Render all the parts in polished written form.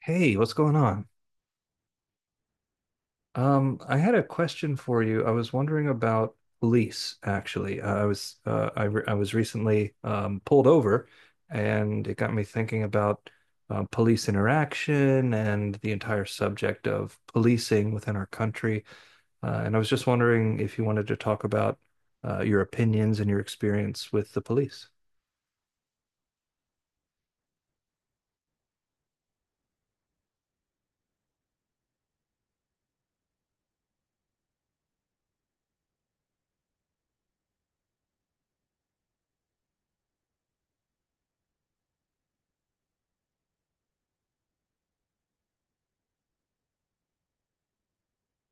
Hey, what's going on? I had a question for you. I was wondering about police, actually. I was recently pulled over, and it got me thinking about police interaction and the entire subject of policing within our country. And I was just wondering if you wanted to talk about your opinions and your experience with the police.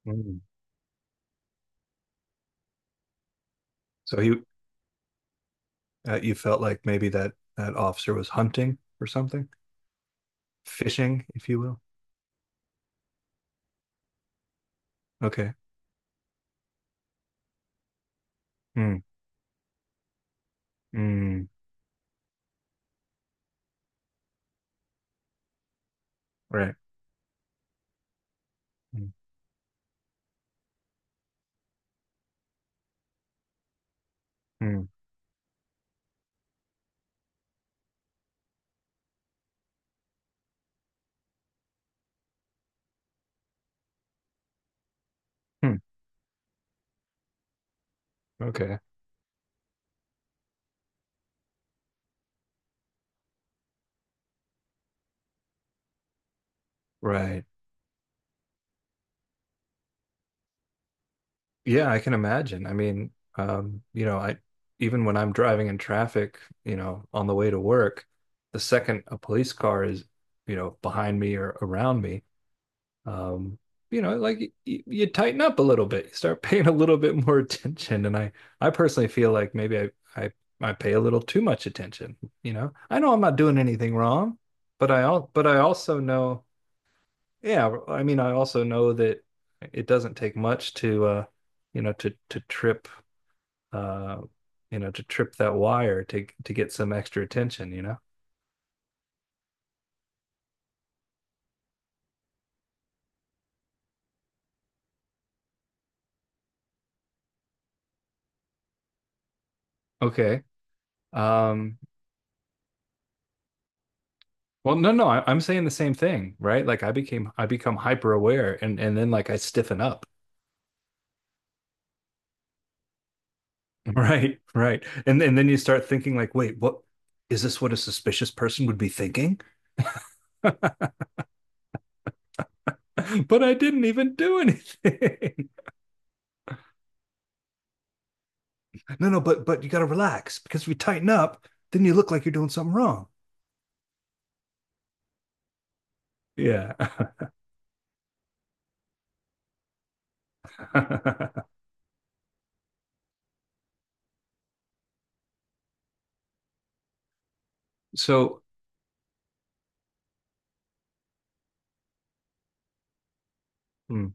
Mm. So you you felt like maybe that officer was hunting or something, fishing, if you will. Okay. Mm, mm, right. Mm, mm, hmm, okay. Right. Yeah, I can imagine. I mean, you know, I even when I'm driving in traffic, you know, on the way to work, the second a police car is, you know, behind me or around me, um, you know, like you tighten up a little bit. You start paying a little bit more attention. And I personally feel like maybe I I I pay a little too much attention, you know. I know I'm not doing anything wrong, but I al but I also know. Yeah, well, I mean, I also know that it doesn't take much to, you know, to trip, uh, you know, to trip that wire to get some extra attention. You know. Okay. Um. Well, no, no, I, I'm saying the same thing, right? I become hyper aware, and then like I stiffen up. Right, right, and then you start thinking like, wait, what is this? What a suspicious person would be thinking? But I didn't even do anything. No, no, but you got to relax because if you tighten up, then you look like you're doing something wrong. Yeah. So, hmm.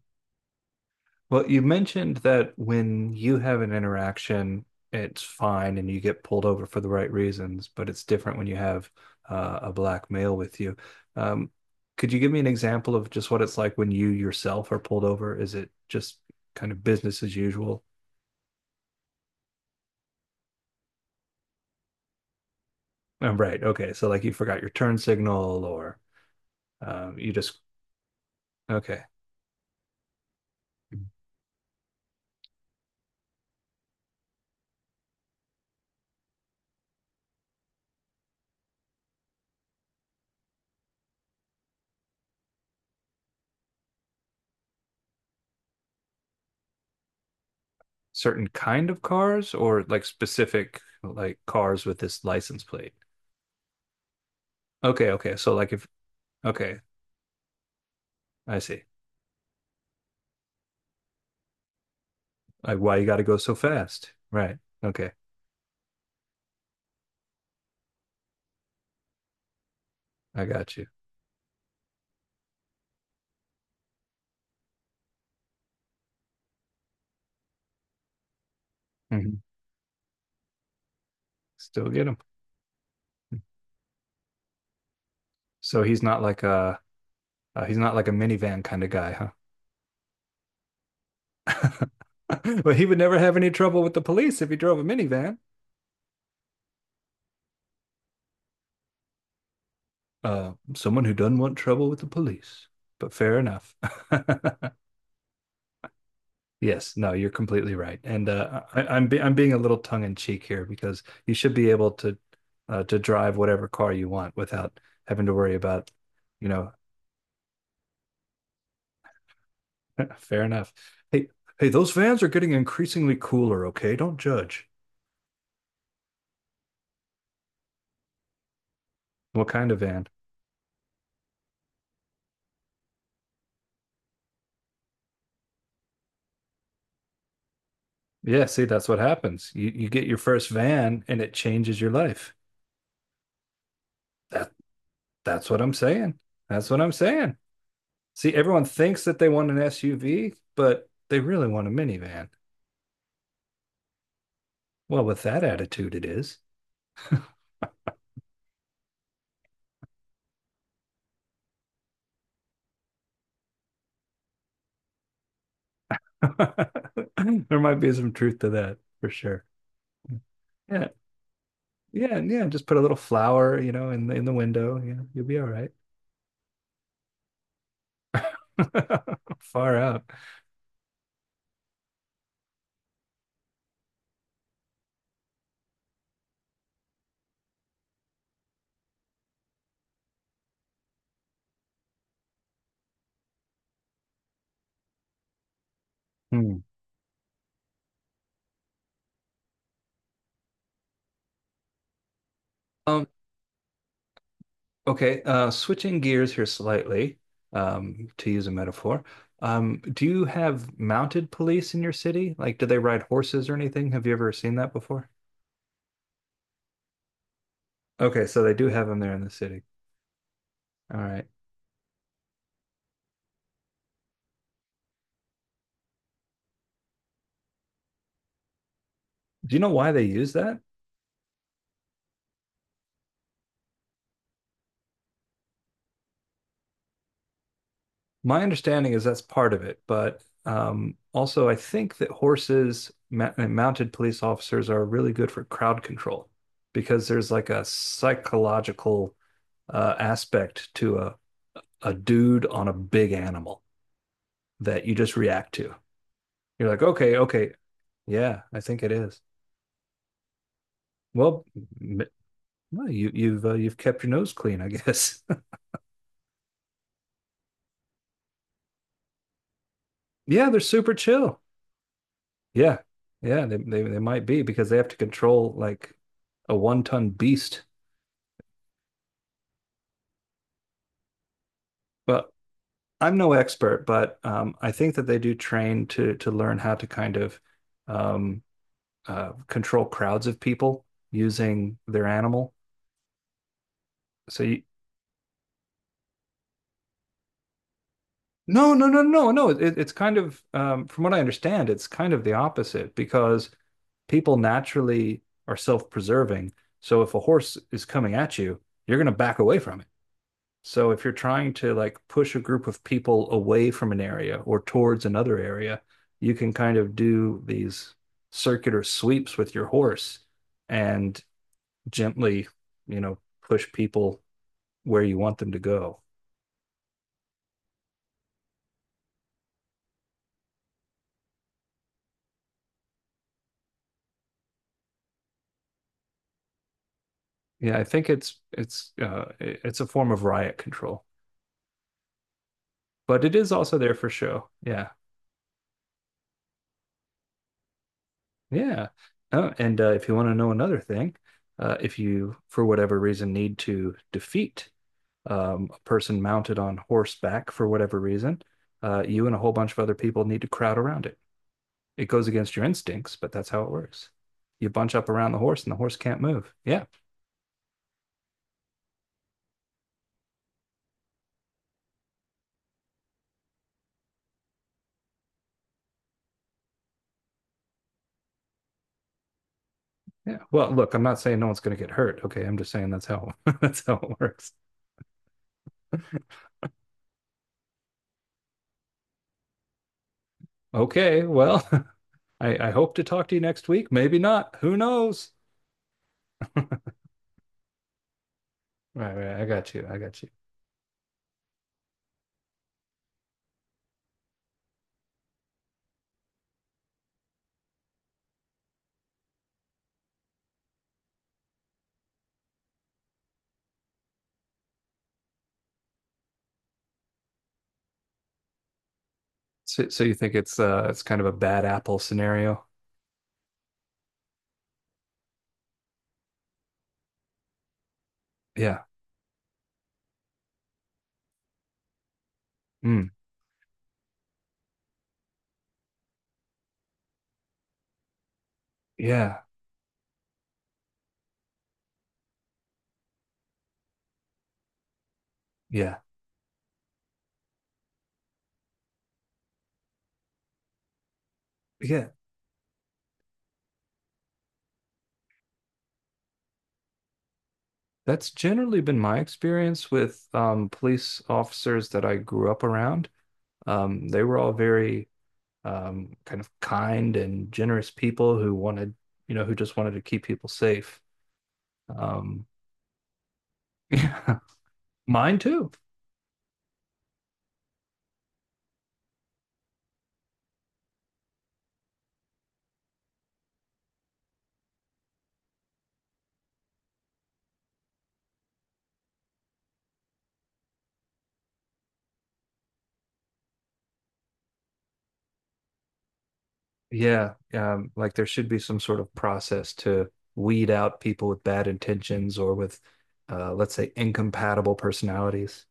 Well, you mentioned that when you have an interaction, it's fine and you get pulled over for the right reasons, but it's different when you have a black male with you. Um, could you give me an example of just what it's like when you yourself are pulled over? Is it just kind of business as usual? Oh, right. Okay. So, like, you forgot your turn signal, or uh, you just, okay. Certain kind of cars or like specific like cars with this license plate? Okay, okay. So like if okay, I see. Like why you got to go so fast? Right. Okay, I got you. Hmm. Still get him. So he's not like a he's not like a minivan kind of guy, huh? But he would never have any trouble with the police if he drove a minivan. Someone who doesn't want trouble with the police. But fair enough. Yes, no, you're completely right, and I, I'm be I'm being a little tongue in cheek here because you should be able to drive whatever car you want without having to worry about, you know. Fair enough. Hey, hey, those vans are getting increasingly cooler. Okay, don't judge. What kind of van? Yeah, see, that's what happens. You get your first van and it changes your life. That that's what I'm saying. That's what I'm saying. See, everyone thinks that they want an SUV, but they really want a minivan. Well, with that attitude, it is. There might be some truth to that for sure. Yeah. Yeah. Yeah. Just put a little flower, you know, in the window. Yeah. You'll be all right. Far out. Hmm. Um, okay. Switching gears here slightly, to use a metaphor. Do you have mounted police in your city? Like, do they ride horses or anything? Have you ever seen that before? Okay, so they do have them there in the city. All right. Do you know why they use that? My understanding is that's part of it, but also I think that horses and mounted police officers are really good for crowd control because there's like a psychological aspect to a dude on a big animal that you just react to. You're like, okay, okay, yeah, I think it is. Well, m- well you, you've kept your nose clean, I guess. Yeah, they're super chill. Yeah, yeah, they might be because they have to control like a one ton beast. Well, I'm no expert, but I think that they do train to learn how to kind of um, control crowds of people using their animal. So you, no. It, it's kind of from what I understand, it's kind of the opposite because people naturally are self-preserving. So if a horse is coming at you, you're going to back away from it. So if you're trying to like push a group of people away from an area or towards another area, you can kind of do these circular sweeps with your horse and gently, you know, push people where you want them to go. Yeah, I think it's a form of riot control, but it is also there for show. Yeah. Yeah. Oh, and if you want to know another thing, if you, for whatever reason, need to defeat a person mounted on horseback for whatever reason, you and a whole bunch of other people need to crowd around it. It goes against your instincts, but that's how it works. You bunch up around the horse, and the horse can't move. Yeah, yeah. Well, look, I'm not saying no one's going to get hurt. Okay, I'm just saying that's how that's how it works. Okay, well, I hope to talk to you next week. Maybe not. Who knows? Right, right. I got you. I got you. So, so you think it's kind of a bad apple scenario? Yeah. Mm. Yeah. Yeah. Yeah. That's generally been my experience with police officers that I grew up around. They were all very kind of kind and generous people who wanted, you know, who just wanted to keep people safe. Um, yeah, mine too. Yeah, like there should be some sort of process to weed out people with bad intentions or with, let's say, incompatible personalities.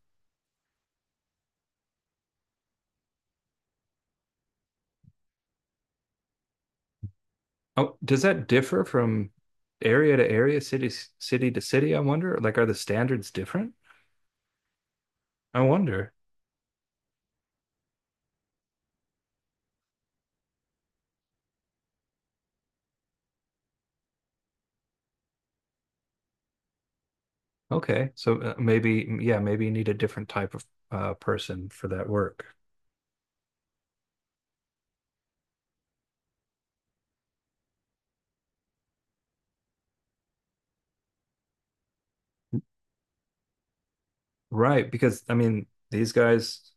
Oh, does that differ from area to area, city city to city? I wonder. Like, are the standards different? I wonder. Okay, so maybe yeah, maybe you need a different type of person for that work, right? Because I mean, these guys.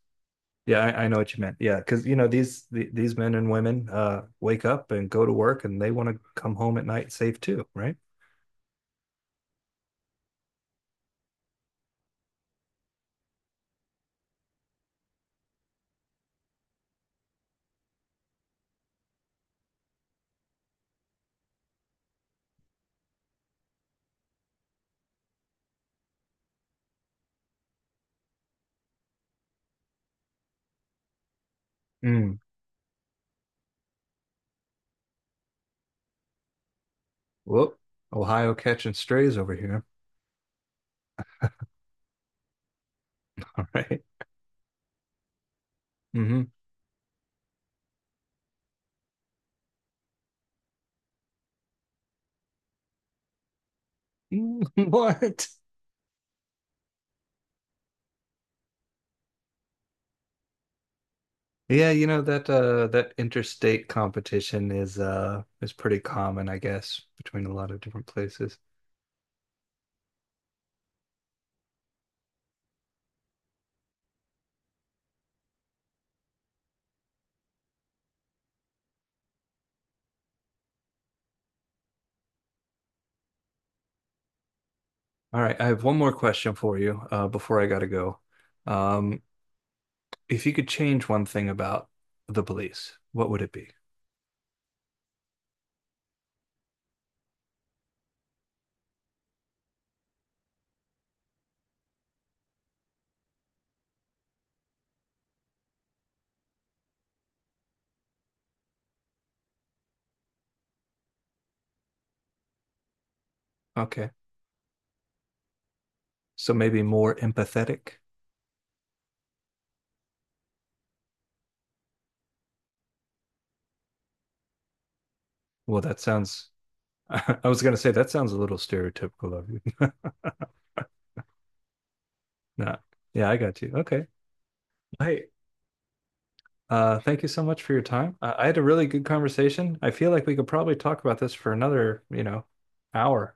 Yeah, I know what you meant. Yeah, because you know these the, these men and women wake up and go to work, and they want to come home at night safe too, right? Mm. Whoop! Ohio catching strays over here. All right. Mm-hmm. What? Yeah, you know that that interstate competition is pretty common, I guess, between a lot of different places. All right, I have one more question for you before I gotta go. Um, if you could change one thing about the police, what would it be? Okay. So maybe more empathetic? Well, that sounds I was gonna say that sounds a little stereotypical of you. No. Yeah, I got you. Okay. Hey, thank you so much for your time. I had a really good conversation. I feel like we could probably talk about this for another, you know, hour.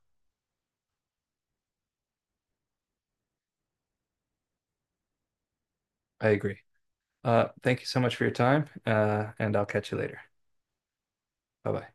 I agree. Thank you so much for your time, and I'll catch you later. Bye bye.